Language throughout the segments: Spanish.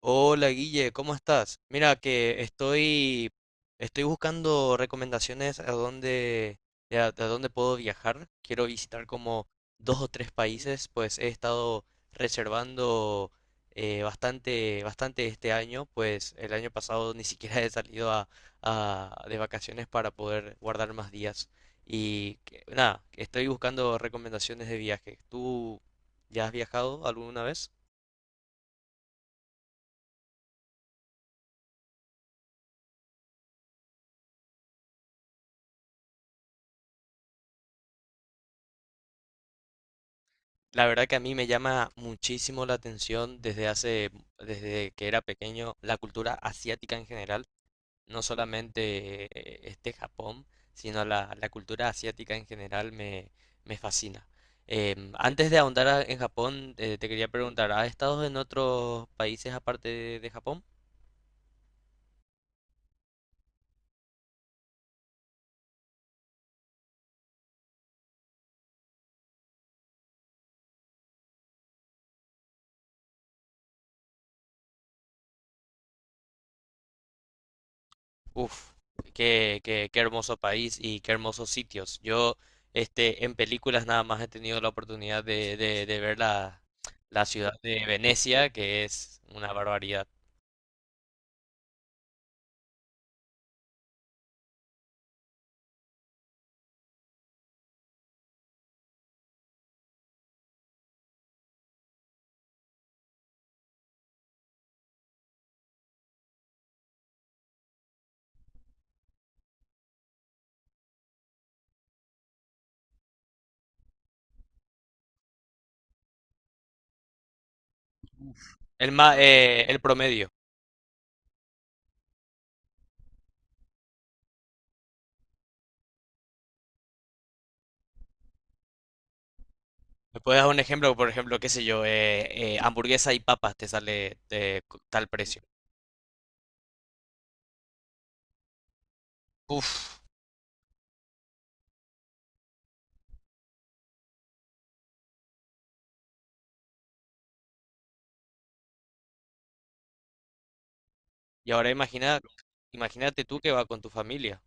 Hola Guille, ¿cómo estás? Mira que estoy buscando recomendaciones a dónde puedo viajar. Quiero visitar como dos o tres países, pues he estado reservando bastante, bastante este año, pues el año pasado ni siquiera he salido de vacaciones para poder guardar más días. Y nada, estoy buscando recomendaciones de viaje. ¿Tú ya has viajado alguna vez? La verdad que a mí me llama muchísimo la atención desde que era pequeño, la cultura asiática en general, no solamente este Japón, sino la cultura asiática en general, me fascina. Antes de ahondar en Japón, te quería preguntar, ¿has estado en otros países aparte de Japón? Uf, qué hermoso país y qué hermosos sitios. En películas nada más he tenido la oportunidad de ver la ciudad de Venecia, que es una barbaridad. El promedio. ¿Me puedes dar un ejemplo? Por ejemplo, qué sé yo, hamburguesa y papas te sale tal precio. Uf, y ahora imagínate tú que vas con tu familia.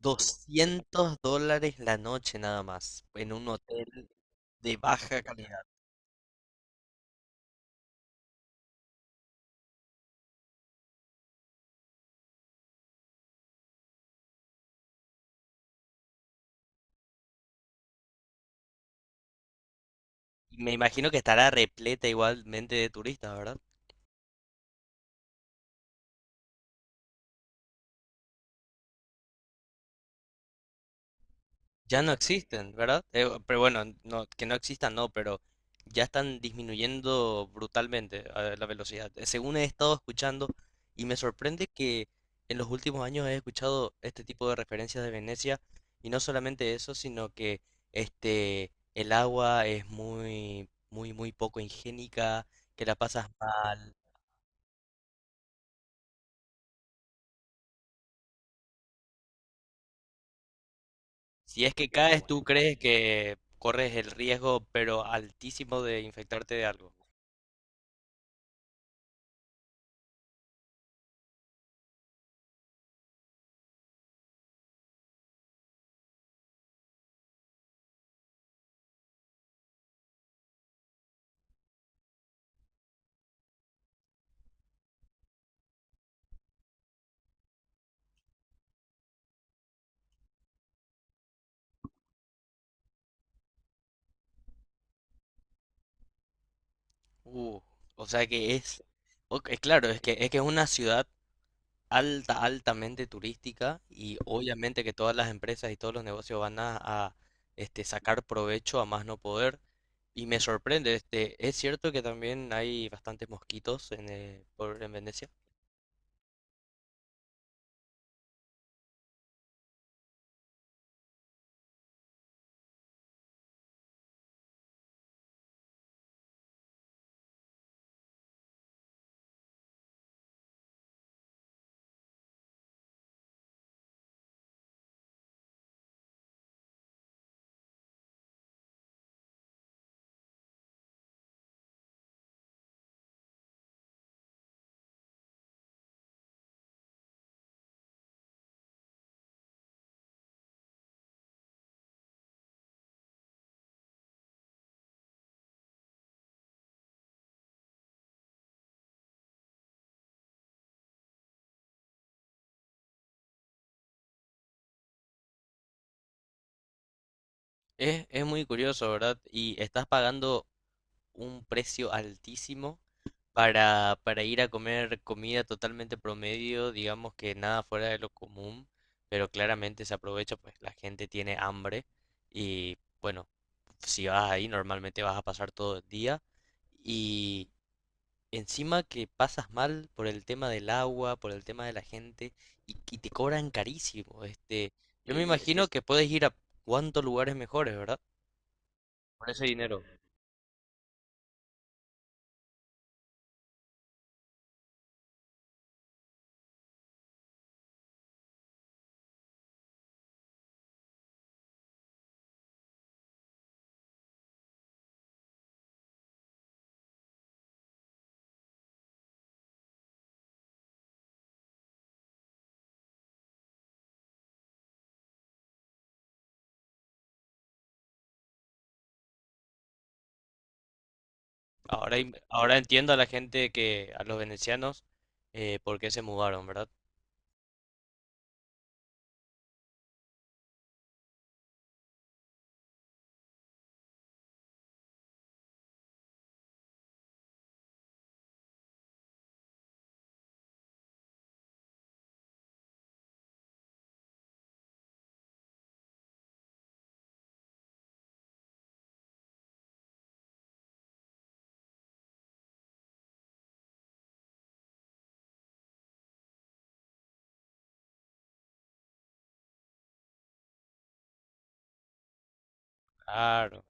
$200 la noche nada más, en un hotel de baja calidad. Me imagino que estará repleta igualmente de turistas, ¿verdad? Ya no existen, ¿verdad? Pero bueno, no, que no existan, no, pero ya están disminuyendo brutalmente la velocidad. Según he estado escuchando, y me sorprende que en los últimos años he escuchado este tipo de referencias de Venecia, y no solamente eso, sino que el agua es muy, muy, muy poco higiénica, que la pasas mal. Si es que caes, tú crees que corres el riesgo, pero altísimo de infectarte de algo. Uh, o sea que es, ok, es claro, es que es una ciudad altamente turística y obviamente que todas las empresas y todos los negocios van a sacar provecho a más no poder. Y me sorprende, es cierto que también hay bastantes mosquitos en Venecia. Es muy curioso, ¿verdad? Y estás pagando un precio altísimo para ir a comer comida totalmente promedio, digamos que nada fuera de lo común, pero claramente se aprovecha, pues la gente tiene hambre y bueno, si vas ahí normalmente vas a pasar todo el día y encima que pasas mal por el tema del agua, por el tema de la gente y te cobran carísimo. Yo me Sí, es imagino que puedes ir a cuantos lugares mejores, ¿verdad? Por ese dinero. Ahora, ahora entiendo a la gente que, a los venecianos, por qué se mudaron, ¿verdad? Claro,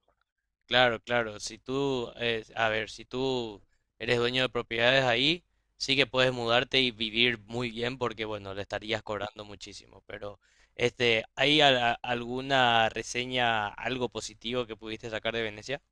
claro, claro. A ver, si tú eres dueño de propiedades ahí, sí que puedes mudarte y vivir muy bien porque, bueno, le estarías cobrando muchísimo. Pero, ¿hay alguna reseña, algo positivo que pudiste sacar de Venecia?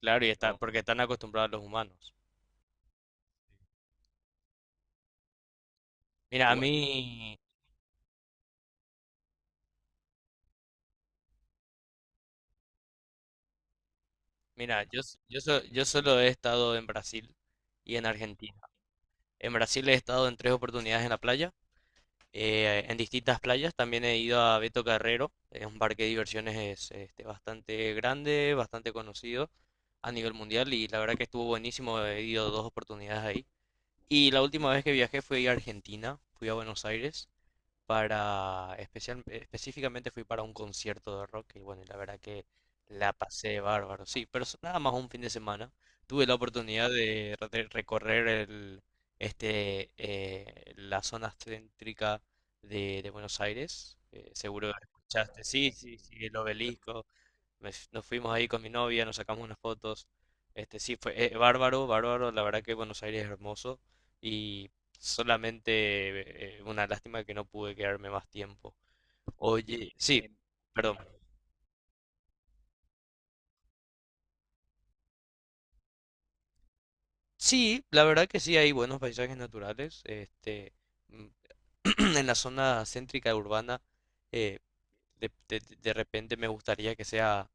Claro, no, porque están acostumbrados los humanos. Mira, a bueno, mí, mira, yo, s- yo, so- yo solo he estado en Brasil y en Argentina. En Brasil he estado en tres oportunidades en la playa, en distintas playas. También he ido a Beto Carrero, es un parque de diversiones bastante grande, bastante conocido a nivel mundial y la verdad que estuvo buenísimo. He ido dos oportunidades ahí. Y la última vez que viajé fui a Argentina, fui a Buenos Aires específicamente fui para un concierto de rock y bueno, y la verdad que la pasé bárbaro. Sí, pero es nada más un fin de semana. Tuve la oportunidad de recorrer la zona céntrica de Buenos Aires. Seguro escuchaste. Sí, sí, sí, el obelisco, me nos fuimos ahí con mi novia, nos sacamos unas fotos. Sí, fue bárbaro, bárbaro. La verdad que Buenos Aires es hermoso y solamente una lástima que no pude quedarme más tiempo. Oye, sí, perdón. Sí, la verdad que sí hay buenos paisajes naturales. Mm, en la zona céntrica urbana, eh, de repente me gustaría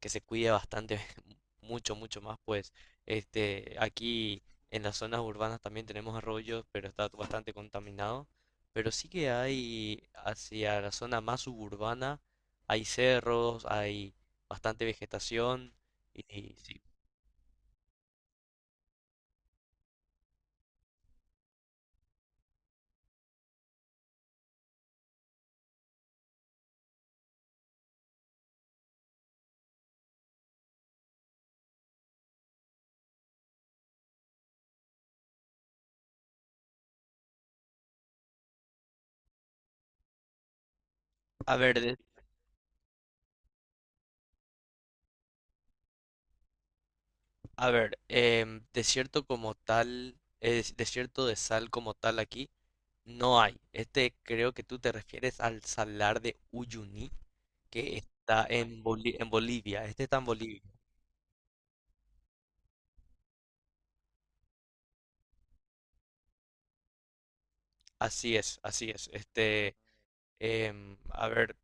que se cuide bastante, mucho, mucho más, pues aquí en las zonas urbanas también tenemos arroyos, pero está bastante contaminado. Pero sí que hay hacia la zona más suburbana, hay cerros, hay bastante vegetación. Y sí. A ver, desierto como tal, es desierto de sal como tal aquí, no hay. Creo que tú te refieres al salar de Uyuni. Que está en Bolivia. Este está en Bolivia. Así es, así es. A ver,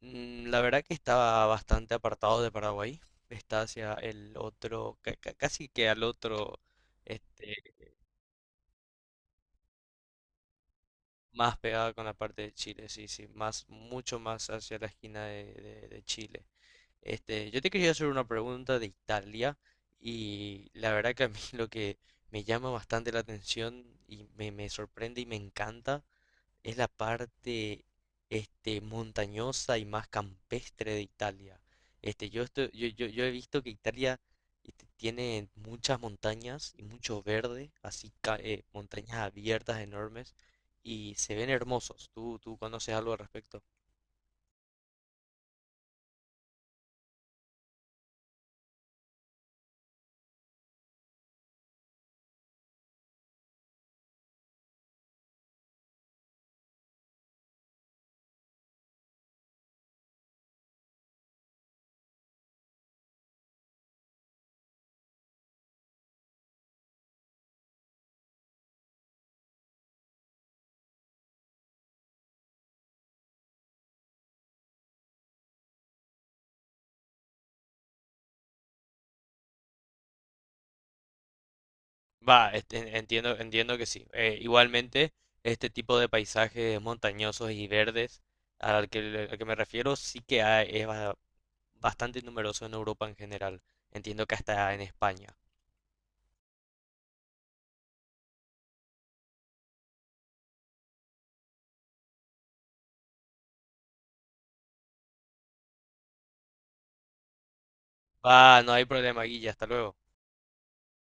la verdad que está bastante apartado de Paraguay. Está hacia el otro, casi que al otro, este, más pegada con la parte de Chile, sí, sí, más, mucho más hacia la esquina de Chile. Yo te quería hacer una pregunta de Italia y la verdad que a mí lo que me llama bastante la atención y me sorprende y me encanta es la parte montañosa y más campestre de Italia. Yo, estoy- yo he visto que Italia tiene muchas montañas y mucho verde, así montañas abiertas enormes y se ven hermosos. ¿Tú conoces algo al respecto? Va, entiendo que sí. Igualmente, este tipo de paisajes montañosos y verdes al que me refiero sí que hay, es bastante numeroso en Europa en general. Entiendo que hasta en España. Ah, no hay problema, Guilla, hasta luego.